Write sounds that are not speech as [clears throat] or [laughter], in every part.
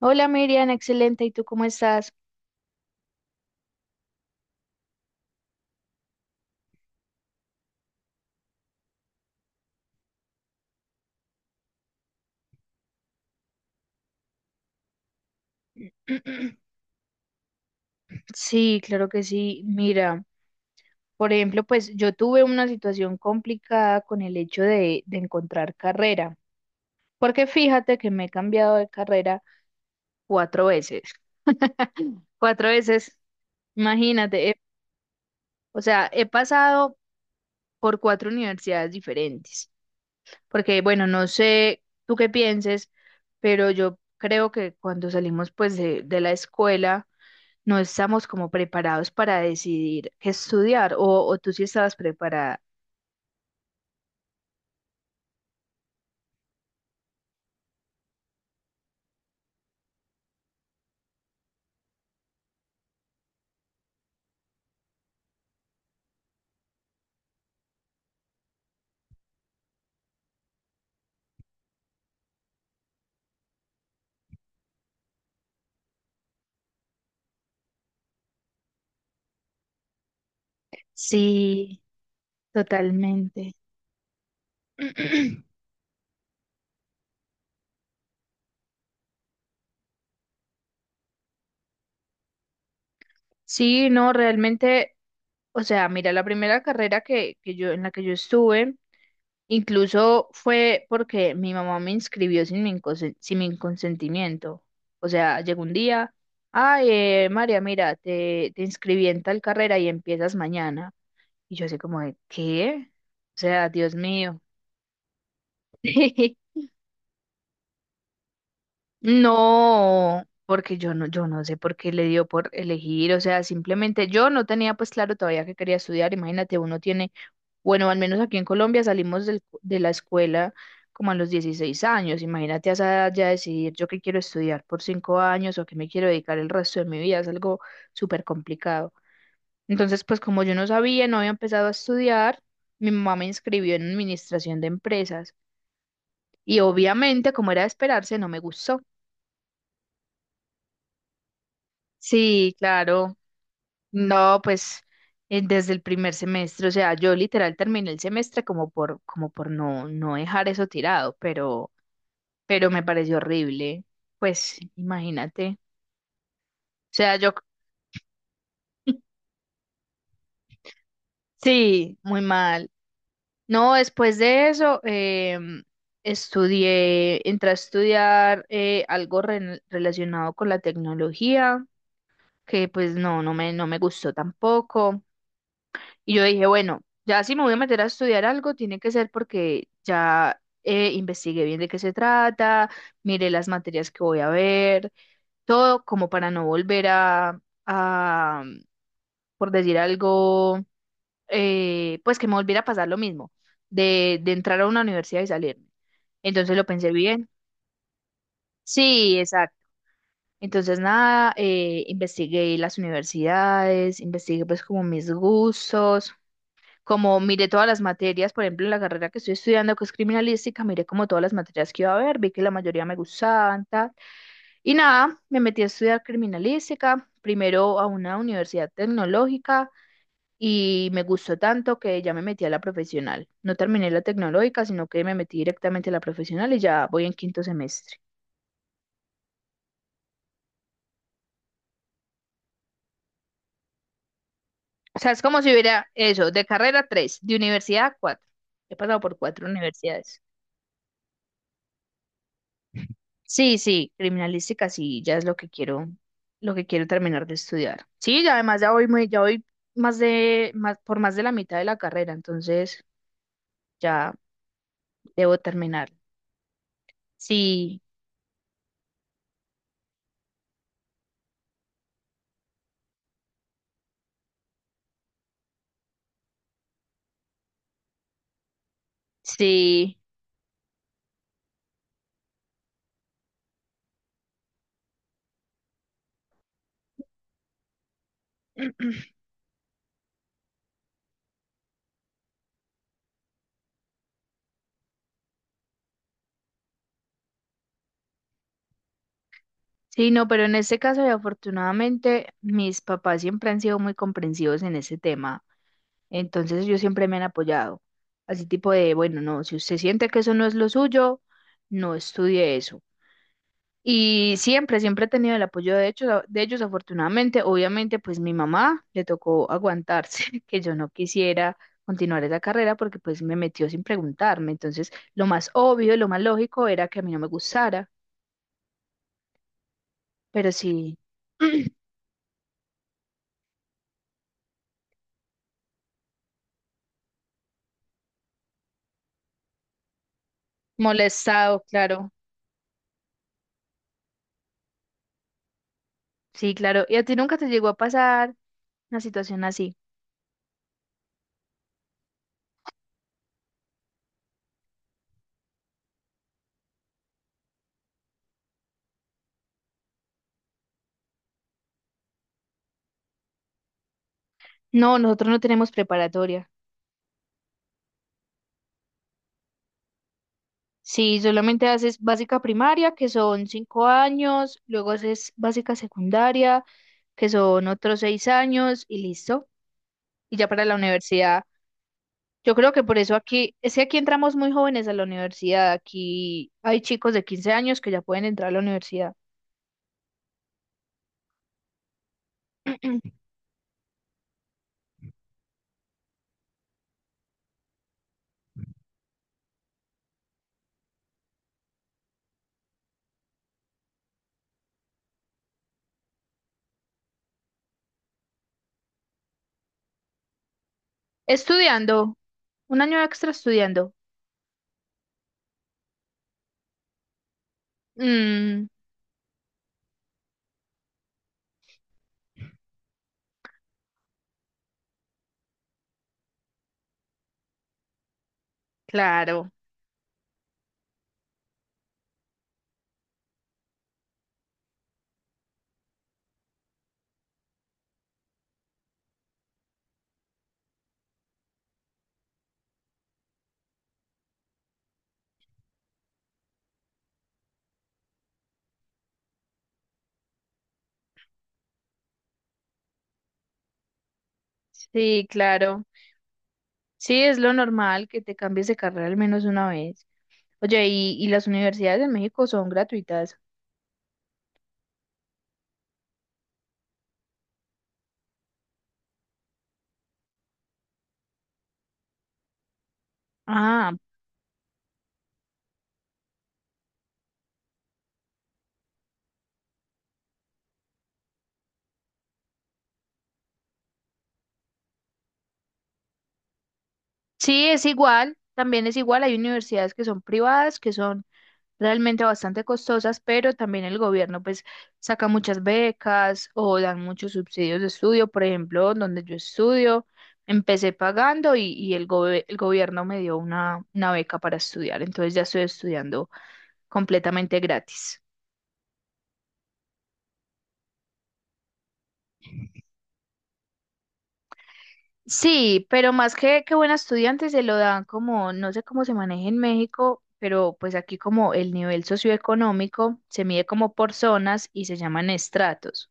Hola Miriam, excelente. ¿Y tú cómo estás? [clears throat] Sí, claro que sí. Mira, por ejemplo, pues yo tuve una situación complicada con el hecho de encontrar carrera, porque fíjate que me he cambiado de carrera cuatro veces. Cuatro veces, imagínate. O sea, he pasado por cuatro universidades diferentes, porque bueno, no sé tú qué pienses, pero yo creo que cuando salimos pues de la escuela no estamos como preparados para decidir qué estudiar, o tú sí estabas preparada. Sí, totalmente. [clears throat] Sí, no, realmente, o sea, mira, la primera carrera que yo, en la que yo estuve, incluso fue porque mi mamá me inscribió sin mi, sin mi consentimiento. O sea, llegó un día, ay, María, mira, te inscribí en tal carrera y empiezas mañana. Y yo así como de, ¿qué? O sea, Dios mío. [laughs] No, porque yo no sé por qué le dio por elegir, o sea, simplemente yo no tenía pues claro todavía que quería estudiar, imagínate, uno tiene, bueno, al menos aquí en Colombia salimos de la escuela como a los 16 años, imagínate a esa edad ya decidir yo qué quiero estudiar por 5 años o qué me quiero dedicar el resto de mi vida, es algo súper complicado. Entonces, pues como yo no sabía, no había empezado a estudiar, mi mamá me inscribió en administración de empresas y obviamente, como era de esperarse, no me gustó. Sí, claro. No, pues desde el primer semestre, o sea, yo literal terminé el semestre como por, como por no dejar eso tirado, pero me pareció horrible. Pues imagínate. O sea, yo sí, muy mal. No, después de eso, estudié, entré a estudiar algo relacionado con la tecnología, que pues no me gustó tampoco. Y yo dije, bueno, ya si me voy a meter a estudiar algo, tiene que ser porque ya investigué bien de qué se trata, miré las materias que voy a ver, todo como para no volver por decir algo, pues que me volviera a pasar lo mismo, de entrar a una universidad y salirme. Entonces lo pensé bien. Sí, exacto. Entonces nada, investigué las universidades, investigué pues como mis gustos. Como miré todas las materias, por ejemplo, en la carrera que estoy estudiando, que es criminalística, miré como todas las materias que iba a haber, vi que la mayoría me gustaban, tal. Y nada, me metí a estudiar criminalística, primero a una universidad tecnológica y me gustó tanto que ya me metí a la profesional. No terminé la tecnológica, sino que me metí directamente a la profesional y ya voy en quinto semestre. O sea, es como si hubiera eso, de carrera tres, de universidad cuatro. He pasado por cuatro universidades. Sí, sí, criminalística sí, ya es lo que quiero terminar de estudiar. Sí, ya además ya voy muy, ya voy más, por más de la mitad de la carrera, entonces ya debo terminar. Sí, sí, [clears throat] sí, no, pero en este caso, y afortunadamente, mis papás siempre han sido muy comprensivos en ese tema, entonces ellos siempre me han apoyado. Así tipo de, bueno, no, si usted siente que eso no es lo suyo, no estudie eso. Y siempre, siempre he tenido el apoyo de hecho, de ellos, afortunadamente. Obviamente, pues mi mamá le tocó aguantarse [laughs] que yo no quisiera continuar esa carrera porque pues me metió sin preguntarme. Entonces, lo más obvio, lo más lógico era que a mí no me gustara, pero sí, [clears throat] molestado, claro. Sí, claro. ¿Y a ti nunca te llegó a pasar una situación así? No, nosotros no tenemos preparatoria. Sí, solamente haces básica primaria, que son 5 años, luego haces básica secundaria, que son otros 6 años, y listo. Y ya para la universidad, yo creo que por eso aquí, es que aquí entramos muy jóvenes a la universidad, aquí hay chicos de 15 años que ya pueden entrar a la universidad. [clears throat] Estudiando, un año extra estudiando. Mm, claro, sí, claro. Sí, es lo normal que te cambies de carrera al menos una vez. Oye, y las universidades de México son gratuitas? Ah, sí, es igual, también es igual, hay universidades que son privadas, que son realmente bastante costosas, pero también el gobierno pues saca muchas becas o dan muchos subsidios de estudio, por ejemplo, donde yo estudio, empecé pagando y el gobierno me dio una beca para estudiar, entonces ya estoy estudiando completamente gratis. Sí, pero más que buen estudiante se lo dan como, no sé cómo se maneja en México, pero pues aquí como el nivel socioeconómico se mide como por zonas y se llaman estratos.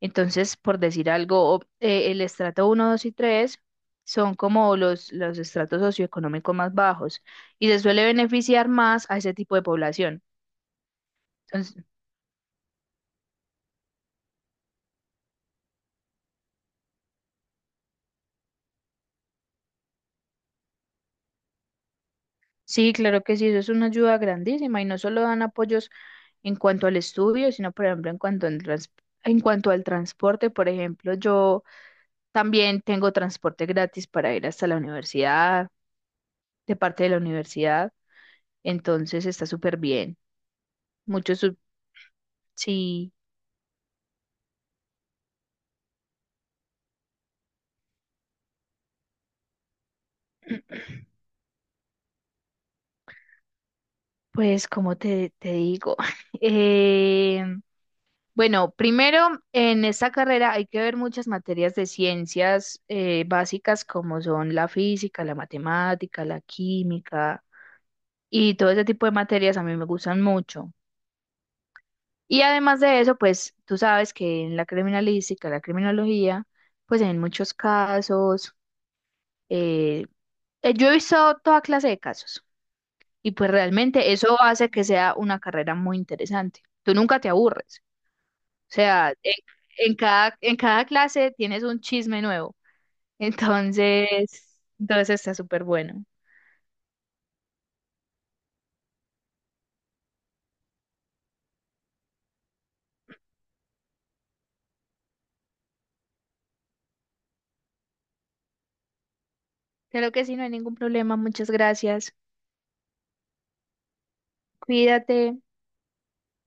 Entonces, por decir algo, el estrato uno, 2 y 3 son como los estratos socioeconómicos más bajos y se suele beneficiar más a ese tipo de población. Sí, claro que sí, eso es una ayuda grandísima y no solo dan apoyos en cuanto al estudio, sino por ejemplo en cuanto al en cuanto al transporte, por ejemplo, yo también tengo transporte gratis para ir hasta la universidad, de parte de la universidad, entonces está súper bien. Muchos, sí, pues como te digo, [laughs] em, bueno, primero, en esta carrera hay que ver muchas materias de ciencias básicas como son la física, la matemática, la química y todo ese tipo de materias a mí me gustan mucho. Y además de eso, pues tú sabes que en la criminalística, la criminología, pues en muchos casos, eh, yo he visto toda clase de casos y pues realmente eso hace que sea una carrera muy interesante. Tú nunca te aburres. O sea, en cada clase tienes un chisme nuevo. [laughs] Entonces, entonces está súper bueno. Creo que sí, no hay ningún problema. Muchas gracias. Cuídate.